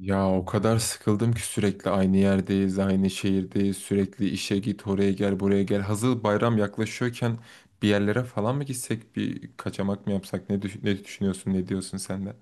Ya o kadar sıkıldım ki sürekli aynı yerdeyiz, aynı şehirdeyiz, sürekli işe git, oraya gel, buraya gel. Hazır bayram yaklaşıyorken bir yerlere falan mı gitsek, bir kaçamak mı yapsak, ne, ne düşünüyorsun, ne diyorsun sen de?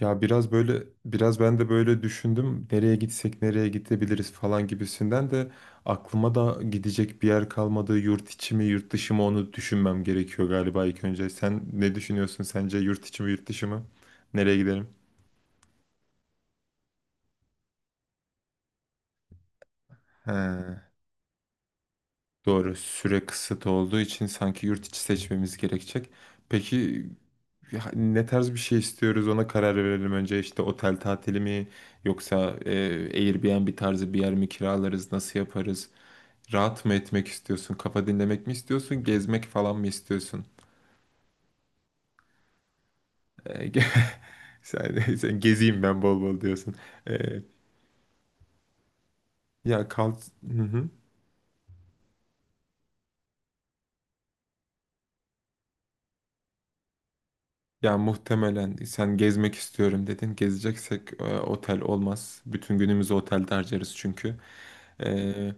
Ya biraz böyle, biraz ben de böyle düşündüm. Nereye gitsek, nereye gidebiliriz falan gibisinden de aklıma da gidecek bir yer kalmadı. Yurt içi mi, yurt dışı mı onu düşünmem gerekiyor galiba ilk önce. Sen ne düşünüyorsun sence yurt içi mi, yurt dışı mı? Nereye gidelim? He. Doğru. Süre kısıt olduğu için sanki yurt içi seçmemiz gerekecek. Peki ya ne tarz bir şey istiyoruz ona karar verelim önce. İşte otel tatili mi yoksa Airbnb tarzı bir yer mi kiralarız, nasıl yaparız? Rahat mı etmek istiyorsun, kafa dinlemek mi istiyorsun, gezmek falan mı istiyorsun? E, ge- sen gezeyim ben bol bol diyorsun. E, ya kal... Hı hı. Ya muhtemelen sen gezmek istiyorum dedin. Gezeceksek otel olmaz. Bütün günümüzü otelde harcarız çünkü. Ee,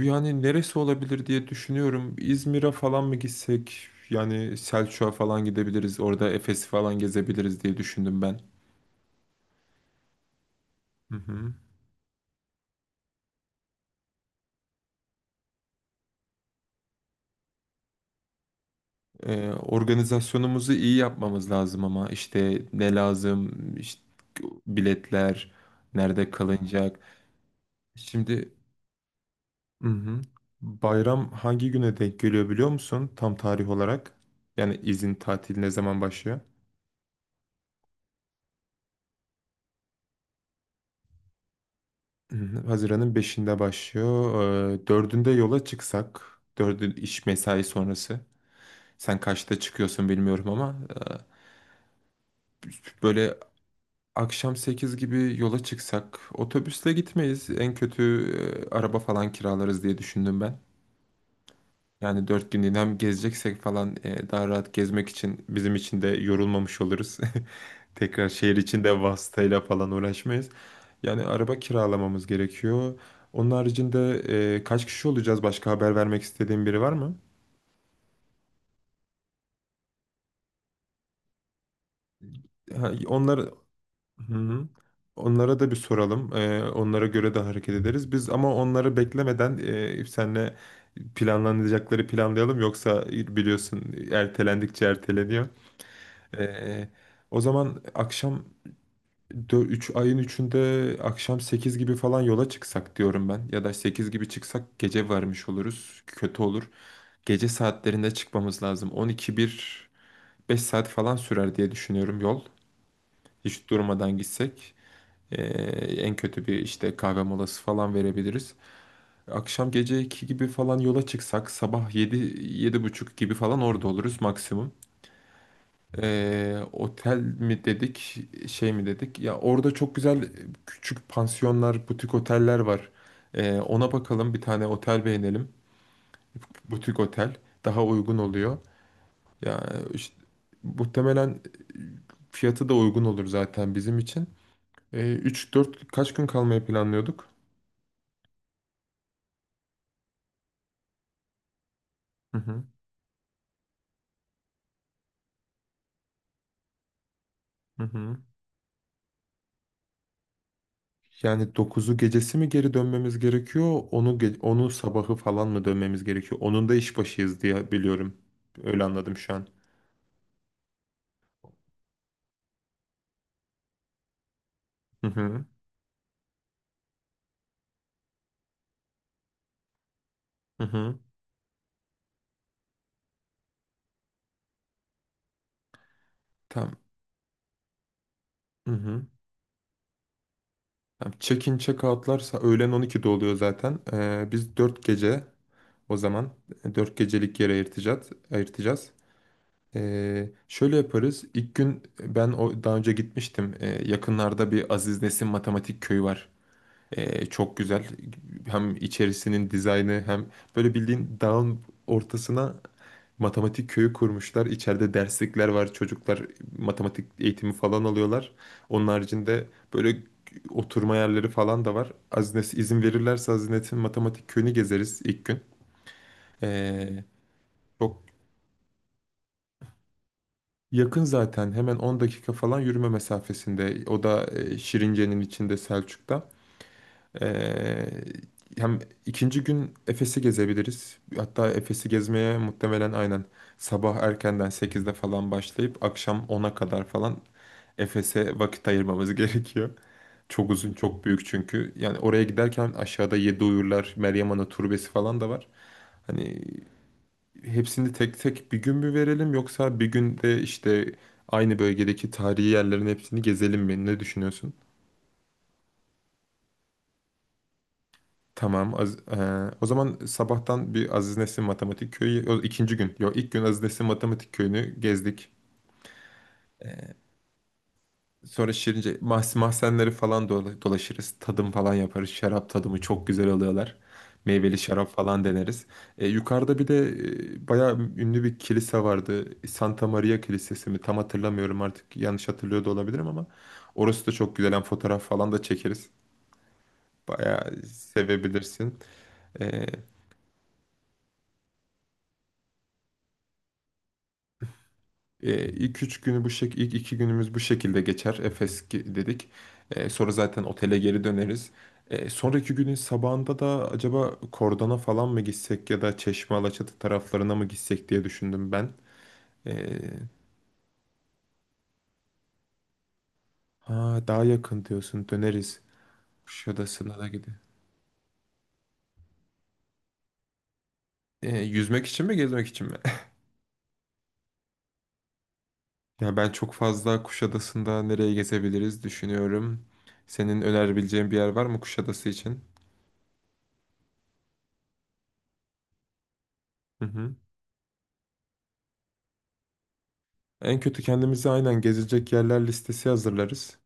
yani neresi olabilir diye düşünüyorum. İzmir'e falan mı gitsek? Yani Selçuk'a falan gidebiliriz. Orada Efes'i falan gezebiliriz diye düşündüm ben. Hı hı. Organizasyonumuzu iyi yapmamız lazım ama işte ne lazım, işte biletler, nerede kalınacak. Şimdi hı hı. Bayram hangi güne denk geliyor biliyor musun? Tam tarih olarak. Yani izin tatil ne zaman başlıyor? Hı hı. Haziran'ın 5'inde başlıyor. 4'ünde yola çıksak, 4'ü iş mesai sonrası. Sen kaçta çıkıyorsun bilmiyorum ama böyle akşam 8 gibi yola çıksak otobüsle gitmeyiz. En kötü araba falan kiralarız diye düşündüm ben. Yani 4 günlüğüne hem gezeceksek falan daha rahat gezmek için bizim için de yorulmamış oluruz. Tekrar şehir içinde vasıtayla falan uğraşmayız. Yani araba kiralamamız gerekiyor. Onun haricinde kaç kişi olacağız? Başka haber vermek istediğin biri var mı? Ha, hı hı. Onlara da bir soralım. Onlara göre de hareket ederiz. Biz ama onları beklemeden senle planlanacakları planlayalım. Yoksa biliyorsun ertelendikçe erteleniyor. E, O zaman akşam 3 ayın 3'ünde akşam 8 gibi falan yola çıksak diyorum ben. Ya da 8 gibi çıksak gece varmış oluruz. Kötü olur. Gece saatlerinde çıkmamız lazım. 12 bir, 5 saat falan sürer diye düşünüyorum yol. Hiç durmadan gitsek. Ee, En kötü bir işte kahve molası falan verebiliriz. Akşam gece 2 gibi falan yola çıksak sabah 7, 7 buçuk gibi falan orada oluruz maksimum. Otel mi dedik, şey mi dedik? Ya orada çok güzel küçük pansiyonlar, butik oteller var. Ona bakalım bir tane otel beğenelim. Butik otel daha uygun oluyor. Ya işte, muhtemelen fiyatı da uygun olur zaten bizim için. 3-4 kaç gün kalmayı planlıyorduk? Hı hı, hı hı. Yani dokuzu gecesi mi geri dönmemiz gerekiyor? Onu sabahı falan mı dönmemiz gerekiyor? Onun da işbaşıyız diye biliyorum. Öyle anladım şu an. Hı hı. Tamam. Hı hı. Tamam. Check-in, check-out'lar öğlen 12'de oluyor zaten. Biz 4 gece o zaman 4 gecelik yere ayırtacağız. Şöyle yaparız. İlk gün ben o daha önce gitmiştim. Yakınlarda bir Aziz Nesin Matematik Köyü var. Çok güzel. Hem içerisinin dizaynı hem böyle bildiğin dağın ortasına matematik köyü kurmuşlar. İçeride derslikler var. Çocuklar matematik eğitimi falan alıyorlar. Onun haricinde böyle oturma yerleri falan da var. Hazinesi izin verirlerse hazinetin matematik köyünü gezeriz ilk gün. Ee, Çok yakın zaten. Hemen 10 dakika falan yürüme mesafesinde. O da Şirince'nin içinde Selçuk'ta. Ee, Hem ikinci gün Efes'i gezebiliriz. Hatta Efes'i gezmeye muhtemelen aynen sabah erkenden 8'de falan başlayıp akşam 10'a kadar falan Efes'e vakit ayırmamız gerekiyor. Çok uzun, çok büyük çünkü. Yani oraya giderken aşağıda Yedi Uyurlar, Meryem Ana Türbesi falan da var. Hani hepsini tek tek bir gün mü verelim yoksa bir günde işte aynı bölgedeki tarihi yerlerin hepsini gezelim mi? Ne düşünüyorsun? Tamam. O zaman sabahtan bir Aziz Nesin Matematik Köyü, o ikinci gün. Yok ilk gün Aziz Nesin Matematik Köyü'nü gezdik. Sonra Şirince mahzenleri falan dolaşırız. Tadım falan yaparız. Şarap tadımı çok güzel alıyorlar. Meyveli şarap falan deneriz. Yukarıda bir de bayağı ünlü bir kilise vardı. Santa Maria Kilisesi mi? Tam hatırlamıyorum artık. Yanlış hatırlıyor da olabilirim ama. Orası da çok güzel. Hem fotoğraf falan da çekeriz. Bayağı sevebilirsin. E, E, ilk üç günü bu ilk iki günümüz bu şekilde geçer. Efes dedik. Sonra zaten otele geri döneriz. Sonraki günün sabahında da acaba Kordon'a falan mı gitsek ya da Çeşme Alaçatı taraflarına mı gitsek diye düşündüm ben. E, ha, daha yakın diyorsun döneriz. Kuşadası'na da gidelim. Yüzmek için mi gezmek için mi? Ya ben çok fazla Kuşadası'nda nereye gezebiliriz düşünüyorum. Senin önerebileceğin bir yer var mı Kuşadası için? Hı hı. En kötü kendimize aynen gezecek yerler listesi hazırlarız.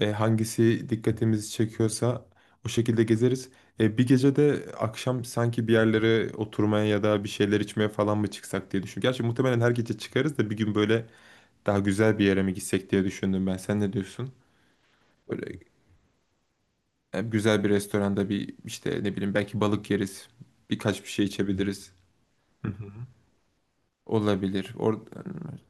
Hangisi dikkatimizi çekiyorsa o şekilde gezeriz. Bir gece de akşam sanki bir yerlere oturmaya ya da bir şeyler içmeye falan mı çıksak diye düşün. Gerçi muhtemelen her gece çıkarız da bir gün böyle daha güzel bir yere mi gitsek diye düşündüm ben. Sen ne diyorsun? Böyle güzel bir restoranda bir işte ne bileyim belki balık yeriz. Birkaç bir şey içebiliriz. Olabilir.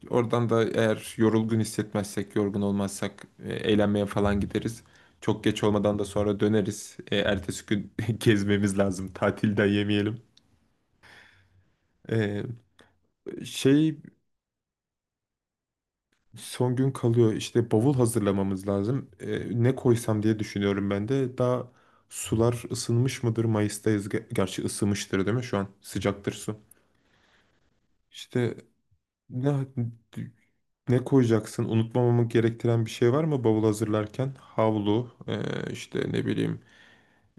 Oradan da eğer yorulgun hissetmezsek, yorgun olmazsak eğlenmeye falan gideriz. Çok geç olmadan da sonra döneriz. Ertesi gün gezmemiz lazım. Tatilden yemeyelim. E, şey son gün kalıyor. İşte bavul hazırlamamız lazım. Ne koysam diye düşünüyorum ben de. Daha sular ısınmış mıdır? Mayıs'tayız. Gerçi ısınmıştır değil mi? Şu an sıcaktır su. İşte ne Ne koyacaksın? Unutmamamı gerektiren bir şey var mı bavul hazırlarken? Havlu, işte ne bileyim,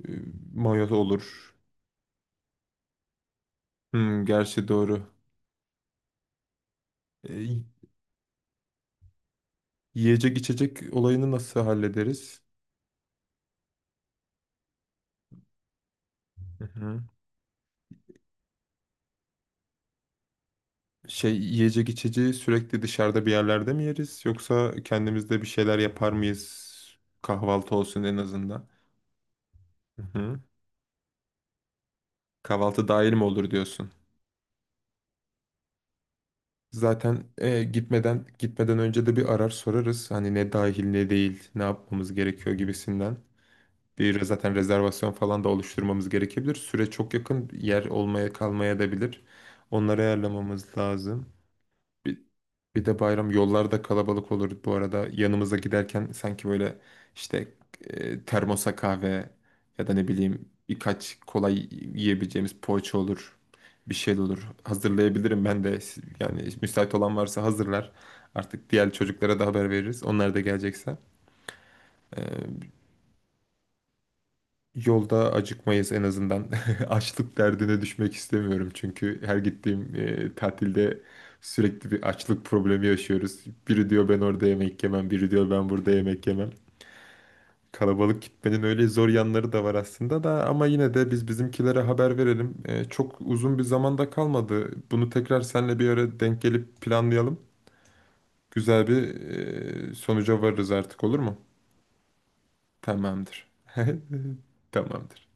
e, mayo olur. Hmm, gerçi doğru. E, Yiyecek içecek olayını nasıl hallederiz? Hı hı. Şey, yiyecek içeceği sürekli dışarıda bir yerlerde mi yeriz? Yoksa kendimizde bir şeyler yapar mıyız? Kahvaltı olsun en azından. Hı hı. Kahvaltı dahil mi olur diyorsun? Zaten gitmeden önce de bir arar sorarız. Hani ne dahil ne değil, ne yapmamız gerekiyor gibisinden. Bir zaten rezervasyon falan da oluşturmamız gerekebilir. Süre çok yakın, yer olmaya kalmaya da bilir. Onları ayarlamamız lazım. Bir, bir de bayram yollarda kalabalık olur bu arada. Yanımıza giderken sanki böyle işte termosa kahve ya da ne bileyim birkaç kolay yiyebileceğimiz poğaça olur. Bir şey olur. Hazırlayabilirim ben de. Yani müsait olan varsa hazırlar. Artık diğer çocuklara da haber veririz. Onlar da gelecekse. Yolda acıkmayız en azından. Açlık derdine düşmek istemiyorum çünkü her gittiğim tatilde sürekli bir açlık problemi yaşıyoruz. Biri diyor ben orada yemek yemem, biri diyor ben burada yemek yemem. Kalabalık gitmenin öyle zor yanları da var aslında da ama yine de biz bizimkilere haber verelim. Çok uzun bir zamanda kalmadı. Bunu tekrar seninle bir ara denk gelip planlayalım. Güzel bir sonuca varırız artık olur mu? Tamamdır. Tamamdır.